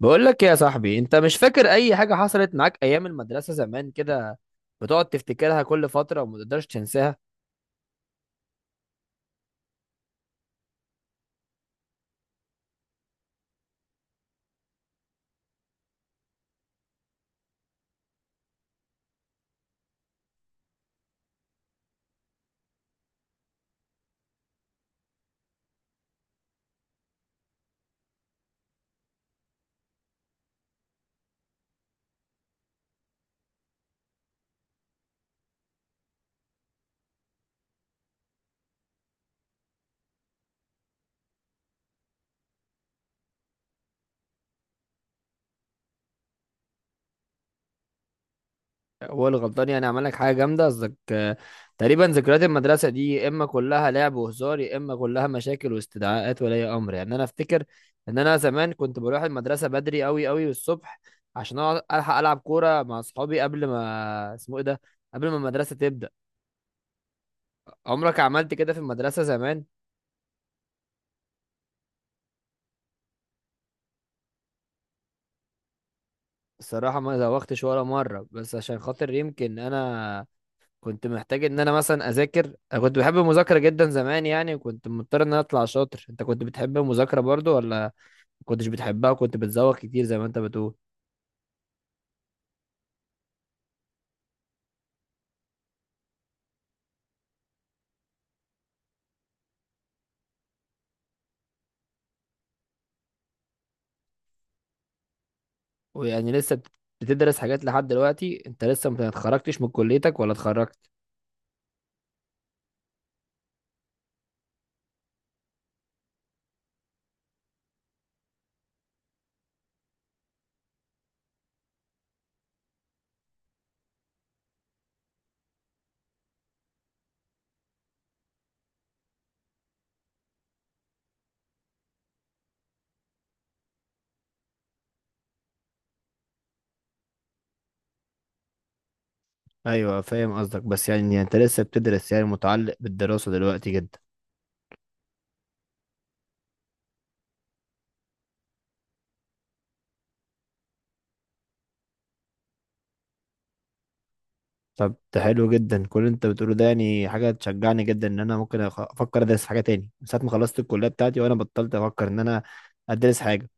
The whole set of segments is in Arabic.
بقول لك يا صاحبي، انت مش فاكر اي حاجة حصلت معاك ايام المدرسة زمان كده؟ بتقعد تفتكرها كل فترة وما تقدرش تنساها. هو الغلطان، يعني عمل لك حاجة جامدة قصدك؟ تقريبا ذكريات المدرسة دي يا اما كلها لعب وهزار، يا اما كلها مشاكل واستدعاءات ولي امر. يعني انا افتكر ان انا زمان كنت بروح المدرسة بدري قوي قوي الصبح، عشان اقعد الحق العب كورة مع اصحابي قبل ما اسمه ايه ده، قبل ما المدرسة تبدأ. عمرك عملت كده في المدرسة زمان؟ الصراحة ما زوختش ولا مرة، بس عشان خاطر يمكن أنا كنت محتاج إن أنا مثلا أذاكر. أنا كنت بحب المذاكرة جدا زمان، يعني وكنت مضطر إن أنا أطلع شاطر. أنت كنت بتحب المذاكرة برضو ولا ما كنتش بتحبها وكنت بتزوغ كتير زي ما أنت بتقول؟ ويعني بتدرس حاجات لحد دلوقتي؟ أنت لسه ما اتخرجتش من كليتك ولا اتخرجت؟ أيوة فاهم قصدك، بس يعني أنت لسه بتدرس، يعني متعلق بالدراسة دلوقتي جدا. طب ده حلو جدا، كل اللي انت بتقوله ده يعني حاجه تشجعني جدا ان انا ممكن افكر ادرس حاجه تاني من ساعه ما خلصت الكليه بتاعتي، وانا بطلت افكر ان انا ادرس حاجه.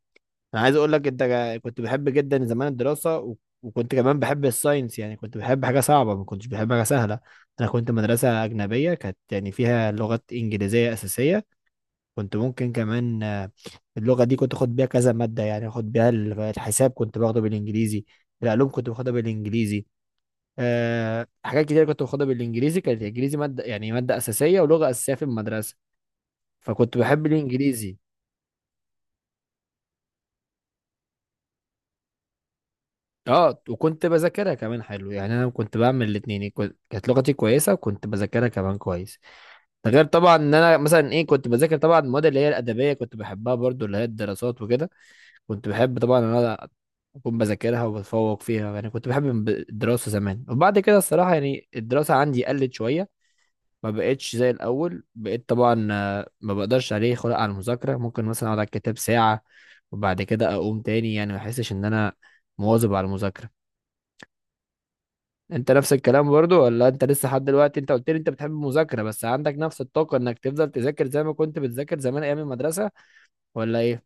انا عايز اقول لك انت كنت بحب جدا زمان الدراسه، وكنت كمان بحب الساينس، يعني كنت بحب حاجه صعبه ما كنتش بحب حاجه سهله. انا كنت مدرسه اجنبيه، كانت يعني فيها لغات انجليزيه اساسيه، كنت ممكن كمان اللغه دي كنت اخد بيها كذا ماده، يعني اخد بيها الحساب كنت باخده بالانجليزي، العلوم كنت باخدها بالانجليزي، حاجات كتير كنت باخدها بالانجليزي. كانت الانجليزي ماده، يعني ماده اساسيه ولغه اساسيه في المدرسه، فكنت بحب الانجليزي. اه، وكنت بذاكرها كمان حلو، يعني انا كنت بعمل الاثنين، كانت لغتي كويسه وكنت بذاكرها كمان كويس. ده غير طبعا ان انا مثلا ايه كنت بذاكر طبعا المواد اللي هي الادبيه، كنت بحبها برضو اللي هي الدراسات وكده. كنت بحب طبعا ان انا اكون بذاكرها وبتفوق فيها. يعني كنت بحب الدراسه زمان، وبعد كده الصراحه يعني الدراسه عندي قلت شويه، ما بقتش زي الاول، بقيت طبعا ما بقدرش عليه خلق على المذاكره، ممكن مثلا اقعد على الكتاب ساعه وبعد كده اقوم تاني، يعني ما احسش ان انا مواظب على المذاكره. انت نفس الكلام برضو ولا انت لسه لحد دلوقتي؟ انت قلت لي انت بتحب المذاكره، بس عندك نفس الطاقه انك تفضل تذاكر زي ما كنت بتذاكر زمان ايام المدرسه ولا ايه؟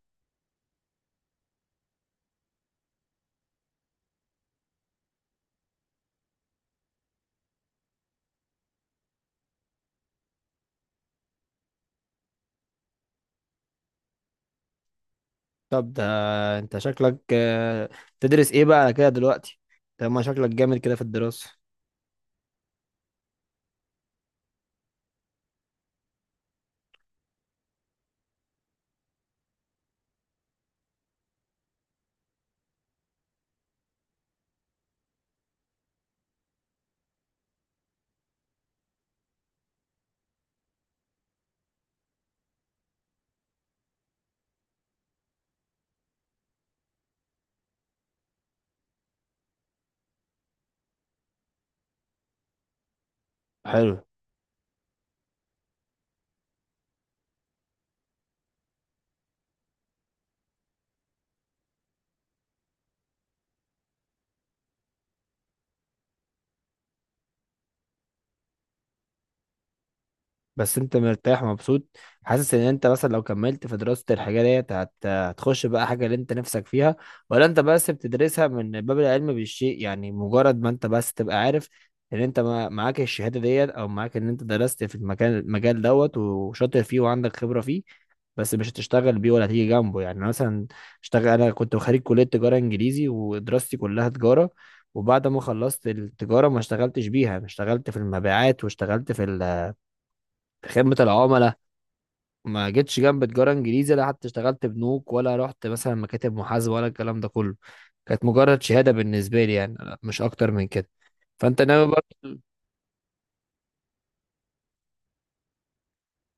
طب ده انت شكلك تدرس ايه بقى على كده دلوقتي؟ طب ما شكلك جامد كده في الدراسه. حلو. بس انت مرتاح ومبسوط، حاسس ان انت مثلا لو كملت في دراسة الحاجة ديت هتخش بقى حاجة اللي انت نفسك فيها، ولا انت بس بتدرسها من باب العلم بالشيء، يعني مجرد ما انت بس تبقى عارف ان انت معاك الشهادة ديت، او معاك ان انت درست في المكان المجال دوت، وشاطر فيه وعندك خبرة فيه، بس مش هتشتغل بيه ولا هتيجي جنبه. يعني مثلا اشتغل، انا كنت خريج كلية تجارة انجليزي ودراستي كلها تجارة، وبعد ما خلصت التجارة ما اشتغلتش بيها. أنا اشتغلت في المبيعات واشتغلت في خدمة العملاء، ما جيتش جنب تجارة انجليزي، لا حتى اشتغلت بنوك ولا رحت مثلا مكاتب محاسبة ولا الكلام ده كله. كانت مجرد شهادة بالنسبة لي، يعني لا، مش اكتر من كده. فانت ناوي برضه؟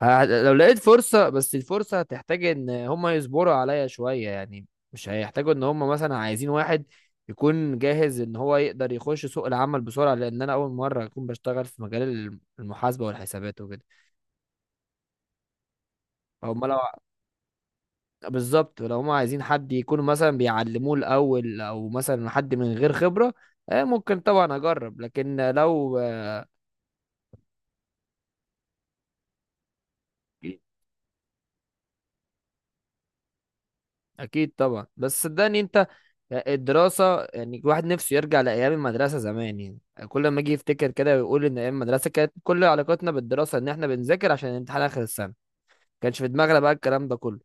لو لقيت فرصة، بس الفرصة هتحتاج ان هما يصبروا عليا شوية، يعني مش هيحتاجوا ان هما مثلا عايزين واحد يكون جاهز ان هو يقدر يخش سوق العمل بسرعة، لان انا اول مرة اكون بشتغل في مجال المحاسبة والحسابات وكده. فهم لو، بالظبط، لو هم عايزين حد يكون مثلا بيعلموه الاول او مثلا حد من غير خبره، ممكن طبعا اجرب، لكن لو اكيد. أكيد طبعا، بس صدقني انت الدراسه، يعني الواحد نفسه يرجع لايام المدرسه زمان. يعني كل ما اجي يفتكر كده ويقول ان ايام المدرسه كانت كل علاقتنا بالدراسه ان احنا بنذاكر عشان الامتحان اخر السنه، ما كانش في دماغنا بقى الكلام ده كله.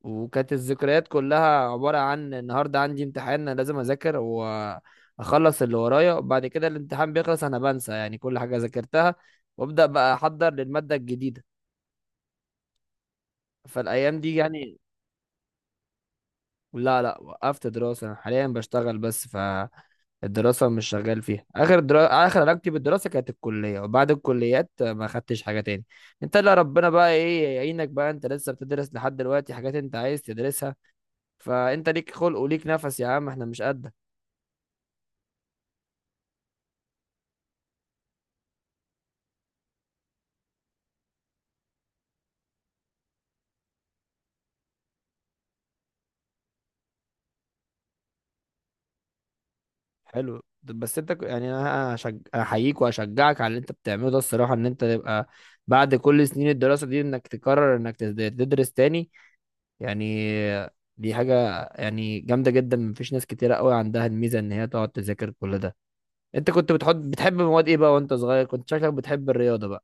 وكانت الذكريات كلها عبارة عن النهاردة عندي امتحان، أنا لازم أذاكر وأخلص اللي ورايا، وبعد كده الامتحان بيخلص أنا بنسى يعني كل حاجة ذاكرتها، وأبدأ بقى أحضر للمادة الجديدة. فالأيام دي يعني، لا لا، وقفت دراسة، أنا حاليا بشتغل بس. فالدراسة مش شغال فيها، آخر علاقتي بالدراسة كانت الكلية، وبعد الكليات ما خدتش حاجة تاني. أنت اللي ربنا بقى إيه يعينك بقى، أنت لسه بتدرس لحد دلوقتي حاجات أنت عايز تدرسها، فأنت ليك خلق وليك نفس يا عم، إحنا مش قدك. حلو. طب بس انت يعني انا احييك واشجعك على اللي انت بتعمله ده، الصراحه ان انت تبقى بعد كل سنين الدراسه دي انك تقرر انك تدرس تاني، يعني دي حاجه يعني جامده جدا، مفيش ناس كتيره قوي عندها الميزه ان هي تقعد تذاكر كل ده. انت كنت بتحب مواد ايه بقى وانت صغير؟ كنت شكلك بتحب الرياضه بقى.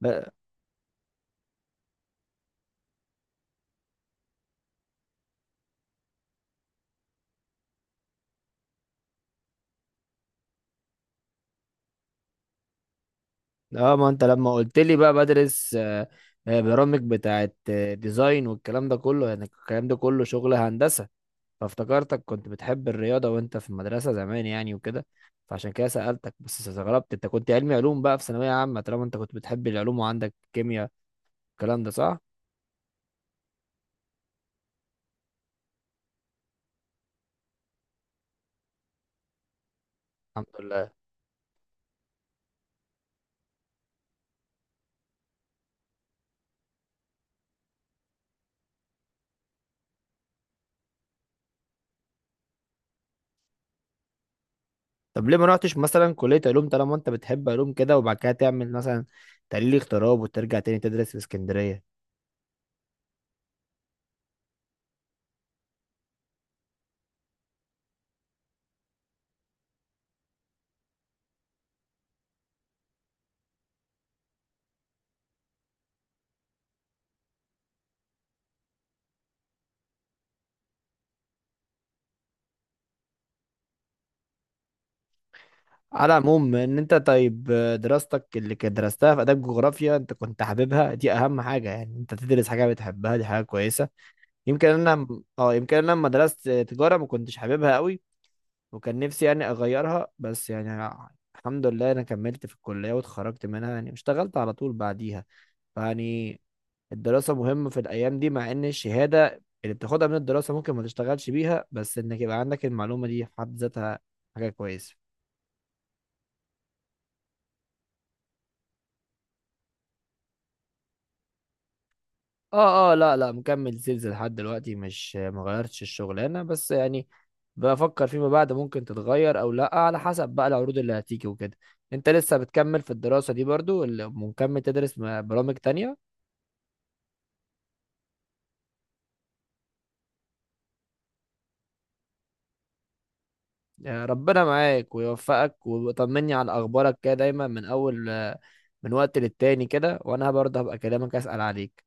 ب... اه، ما انت لما قلت لي بقى بدرس برامج بتاعت ديزاين والكلام ده كله، يعني الكلام ده كله شغل هندسه، فافتكرتك كنت بتحب الرياضة وانت في المدرسة زمان يعني وكده، فعشان كده سألتك. بس استغربت انت كنت علمي علوم بقى في ثانوية عامة، طالما انت كنت بتحب العلوم وعندك كيمياء، الكلام ده صح؟ الحمد لله. طب ليه ما رحتش مثلا كلية علوم طالما انت بتحب علوم كده، وبعد كده تعمل مثلا تحليل اغتراب وترجع تاني تدرس في اسكندرية؟ على العموم ان انت طيب، دراستك اللي كانت درستها في اداب جغرافيا انت كنت حاببها، دي اهم حاجة، يعني انت تدرس حاجة بتحبها دي حاجة كويسة. يمكن انا، اه، يمكن انا لما درست تجارة ما كنتش حاببها قوي، وكان نفسي يعني اغيرها، بس يعني الحمد لله انا كملت في الكليه واتخرجت منها، يعني اشتغلت على طول بعديها. فيعني الدراسه مهمه في الايام دي، مع ان الشهاده اللي بتاخدها من الدراسه ممكن ما تشتغلش بيها، بس انك يبقى عندك المعلومه دي في حد ذاتها حاجه كويسه. اه اه، لا لا، مكمل سيلز لحد دلوقتي، مش ما غيرتش الشغلانه، بس يعني بفكر فيما بعد ممكن تتغير او لا، على حسب بقى العروض اللي هتيجي وكده. انت لسه بتكمل في الدراسه دي برضو ولا مكمل تدرس برامج تانية؟ يا ربنا معاك ويوفقك، وطمني على اخبارك كده دايما، من اول، من وقت للتاني كده، وانا برضه هبقى اكلمك اسال عليك.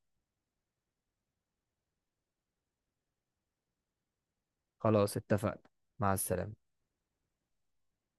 خلاص، اتفقنا. مع السلامه.